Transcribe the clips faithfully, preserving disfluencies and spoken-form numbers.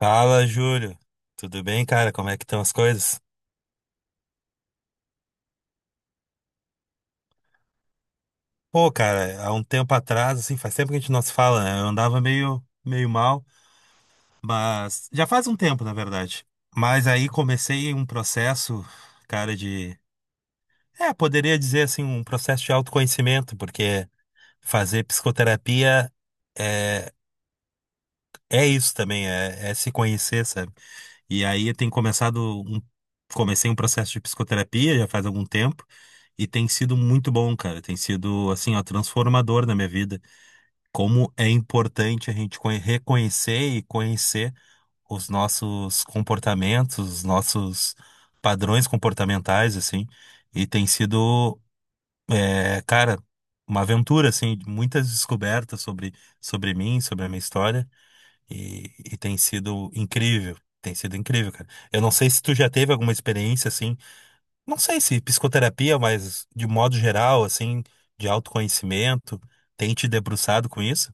Fala, Júlio. Tudo bem, cara? Como é que estão as coisas? Pô, cara, há um tempo atrás, assim, faz tempo que a gente não se fala, né? Eu andava meio, meio mal, mas já faz um tempo, na verdade. Mas aí comecei um processo, cara, de, é, poderia dizer assim, um processo de autoconhecimento, porque fazer psicoterapia é, é isso também, é, é se conhecer, sabe? E aí eu tenho começado um, comecei um processo de psicoterapia já faz algum tempo e tem sido muito bom, cara. Tem sido assim, ó, transformador na minha vida. Como é importante a gente conhe- reconhecer e conhecer os nossos comportamentos, os nossos padrões comportamentais, assim. E tem sido, é, cara, uma aventura, assim, de muitas descobertas sobre, sobre mim, sobre a minha história. E, e tem sido incrível. Tem sido incrível, cara. Eu não sei se tu já teve alguma experiência assim, não sei se psicoterapia, mas de modo geral, assim, de autoconhecimento, tem te debruçado com isso?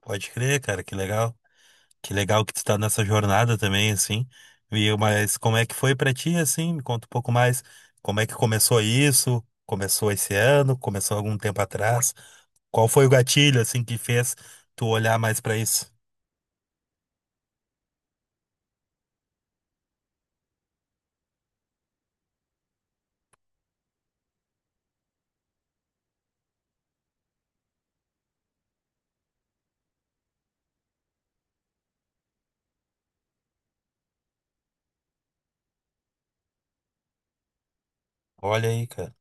Pode crer, cara, que legal. Que legal que tu tá nessa jornada também, assim. E, eu- mas como é que foi pra ti, assim? Me conta um pouco mais. Como é que começou isso? Começou esse ano? Começou algum tempo atrás? Qual foi o gatilho, assim, que fez tu olhar mais pra isso? Olha aí, cara.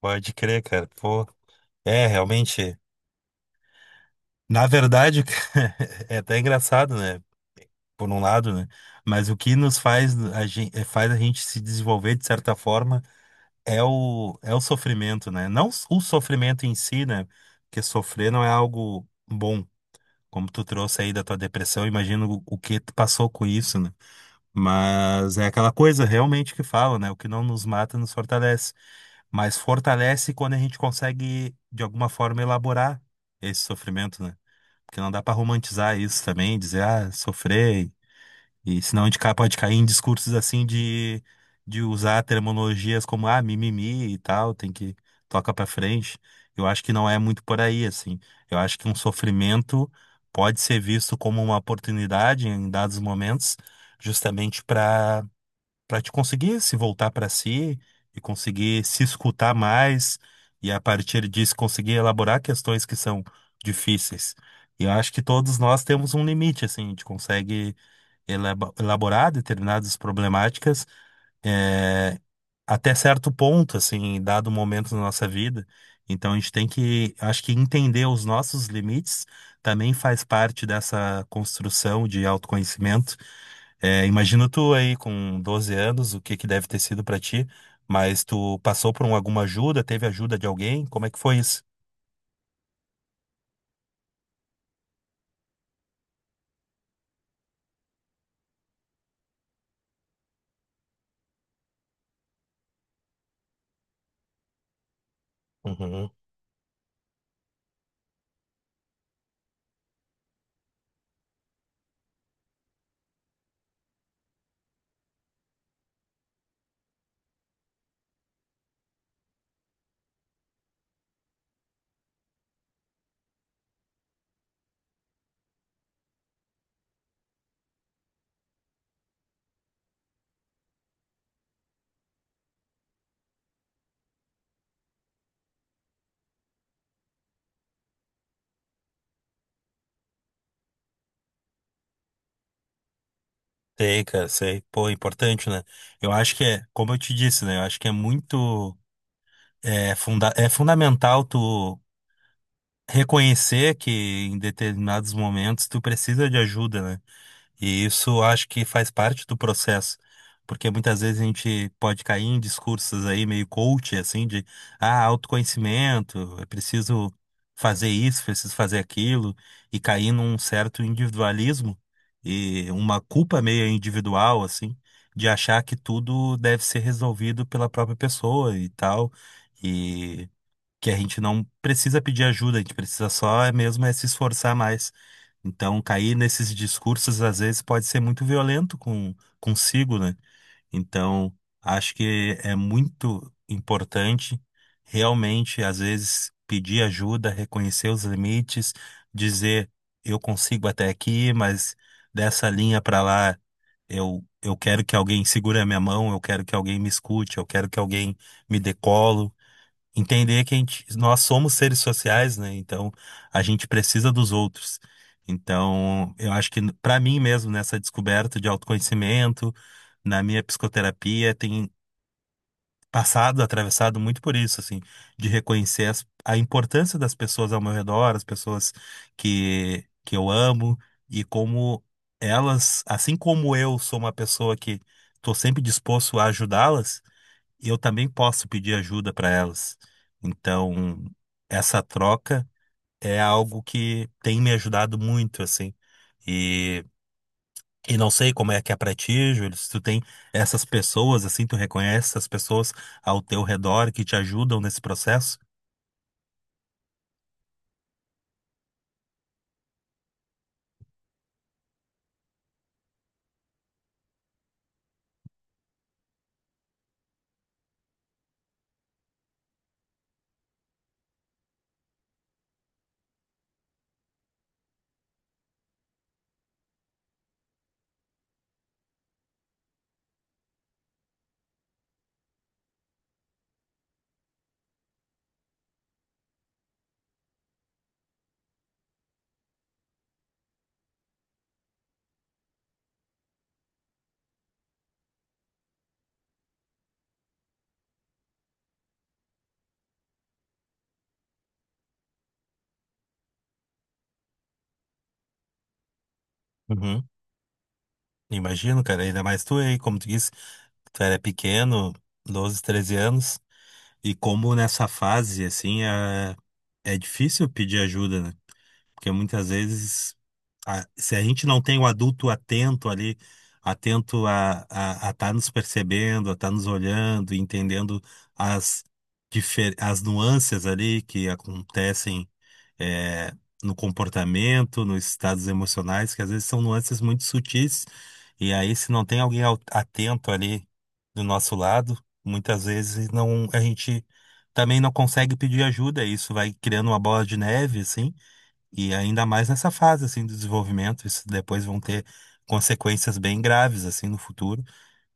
Pode crer, cara. Pô, é, realmente. Na verdade, é até engraçado, né? Por um lado, né? Mas o que nos faz a gente, faz a gente se desenvolver de certa forma é o, é o sofrimento, né? Não s- O sofrimento em si, né? Porque sofrer não é algo bom, como tu trouxe aí da tua depressão, imagino o, o que tu passou com isso, né? Mas é aquela coisa realmente que fala, né? O que não nos mata nos fortalece. Mas fortalece quando a gente consegue, de alguma forma, elaborar esse sofrimento, né? Porque não dá pra romantizar isso também, dizer, ah, sofrer. E senão a gente ca- pode cair em discursos assim de, de usar terminologias como, ah, mimimi e tal, tem que toca pra frente. Eu acho que não é muito por aí, assim. Eu acho que um sofrimento pode ser visto como uma oportunidade em dados momentos, justamente para para te conseguir se voltar para si e conseguir se escutar mais e a partir disso conseguir elaborar questões que são difíceis. E eu acho que todos nós temos um limite, assim, a gente consegue elabo- elaborar determinadas problemáticas, é, até certo ponto, assim, dado o momento da nossa vida. Então a gente tem que, acho que entender os nossos limites também faz parte dessa construção de autoconhecimento. É, imagina tu aí com doze anos, o que que deve ter sido pra ti, mas tu passou por um- alguma ajuda, teve ajuda de alguém? Como é que foi isso? Uhum. Sei, cara, sei. Pô, é importante, né? Eu acho que é, como eu te disse, né? Eu acho que é muito, é, funda é fundamental tu reconhecer que em determinados momentos tu precisa de ajuda, né? E isso acho que faz parte do processo, porque muitas vezes a gente pode cair em discursos aí meio coach, assim, de ah, autoconhecimento, é preciso fazer isso, preciso fazer aquilo, e cair num certo individualismo e uma culpa meio individual, assim, de achar que tudo deve ser resolvido pela própria pessoa e tal que a gente não precisa pedir ajuda, a gente precisa só é mesmo é se esforçar mais. Então, cair nesses discursos às vezes pode ser muito violento com consigo, né? Então, acho que é muito importante realmente às vezes pedir ajuda, reconhecer os limites, dizer eu consigo até aqui, mas dessa linha para lá eu eu quero que alguém segure a minha mão, eu quero que alguém me escute, eu quero que alguém me decolo entender que a gente, nós somos seres sociais, né? Então a gente precisa dos outros. Então, eu acho que para mim mesmo, nessa descoberta de autoconhecimento, na minha psicoterapia, tem passado, atravessado muito por isso, assim, de reconhecer as- a importância das pessoas ao meu redor, as pessoas que, que eu amo, e como elas, assim como eu sou uma pessoa que estou sempre disposto a ajudá-las, e eu também posso pedir ajuda para elas. Então, essa troca é algo que tem me ajudado muito, assim. E, e não sei como é que é para ti, Júlio, se tu tem essas pessoas, assim, tu reconhece essas pessoas ao teu redor que te ajudam nesse processo? Uhum. Imagino, cara, ainda mais tu aí, como tu disse, tu era pequeno, doze treze anos, e como nessa fase, assim, é, é difícil pedir ajuda, né? Porque muitas vezes, a- se a gente não tem o adulto atento ali, atento a estar a, a tá nos percebendo, a estar nos olhando, e entendendo as, difer- as nuances ali que acontecem eh, no comportamento, nos estados emocionais, que às vezes são nuances muito sutis, e aí se não tem alguém ao- atento ali do nosso lado, muitas vezes não, a gente também não consegue pedir ajuda, e isso vai criando uma bola de neve, assim e ainda mais nessa fase assim do desenvolvimento, isso depois vão ter consequências bem graves assim no futuro.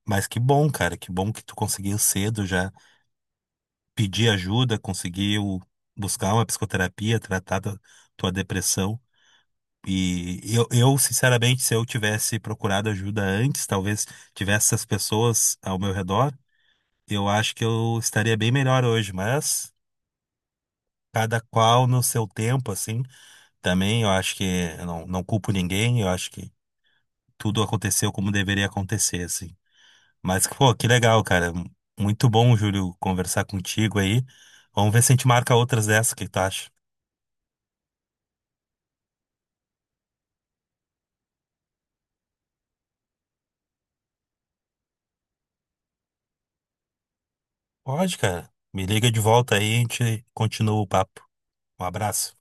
Mas que bom, cara, que bom que tu conseguiu cedo já pedir ajuda, conseguiu buscar uma psicoterapia, tratar da tua depressão. E eu, eu, sinceramente, se eu tivesse procurado ajuda antes, talvez tivesse essas pessoas ao meu redor, eu acho que eu estaria bem melhor hoje, mas cada qual no seu tempo, assim, também eu acho que eu não, não culpo ninguém, eu acho que tudo aconteceu como deveria acontecer, assim. Mas, pô, que legal, cara. Muito bom, Júlio, conversar contigo aí. Vamos ver se a gente marca outras dessas, o que tu acha? Pode, cara. Me liga de volta aí, e a gente continua o papo. Um abraço.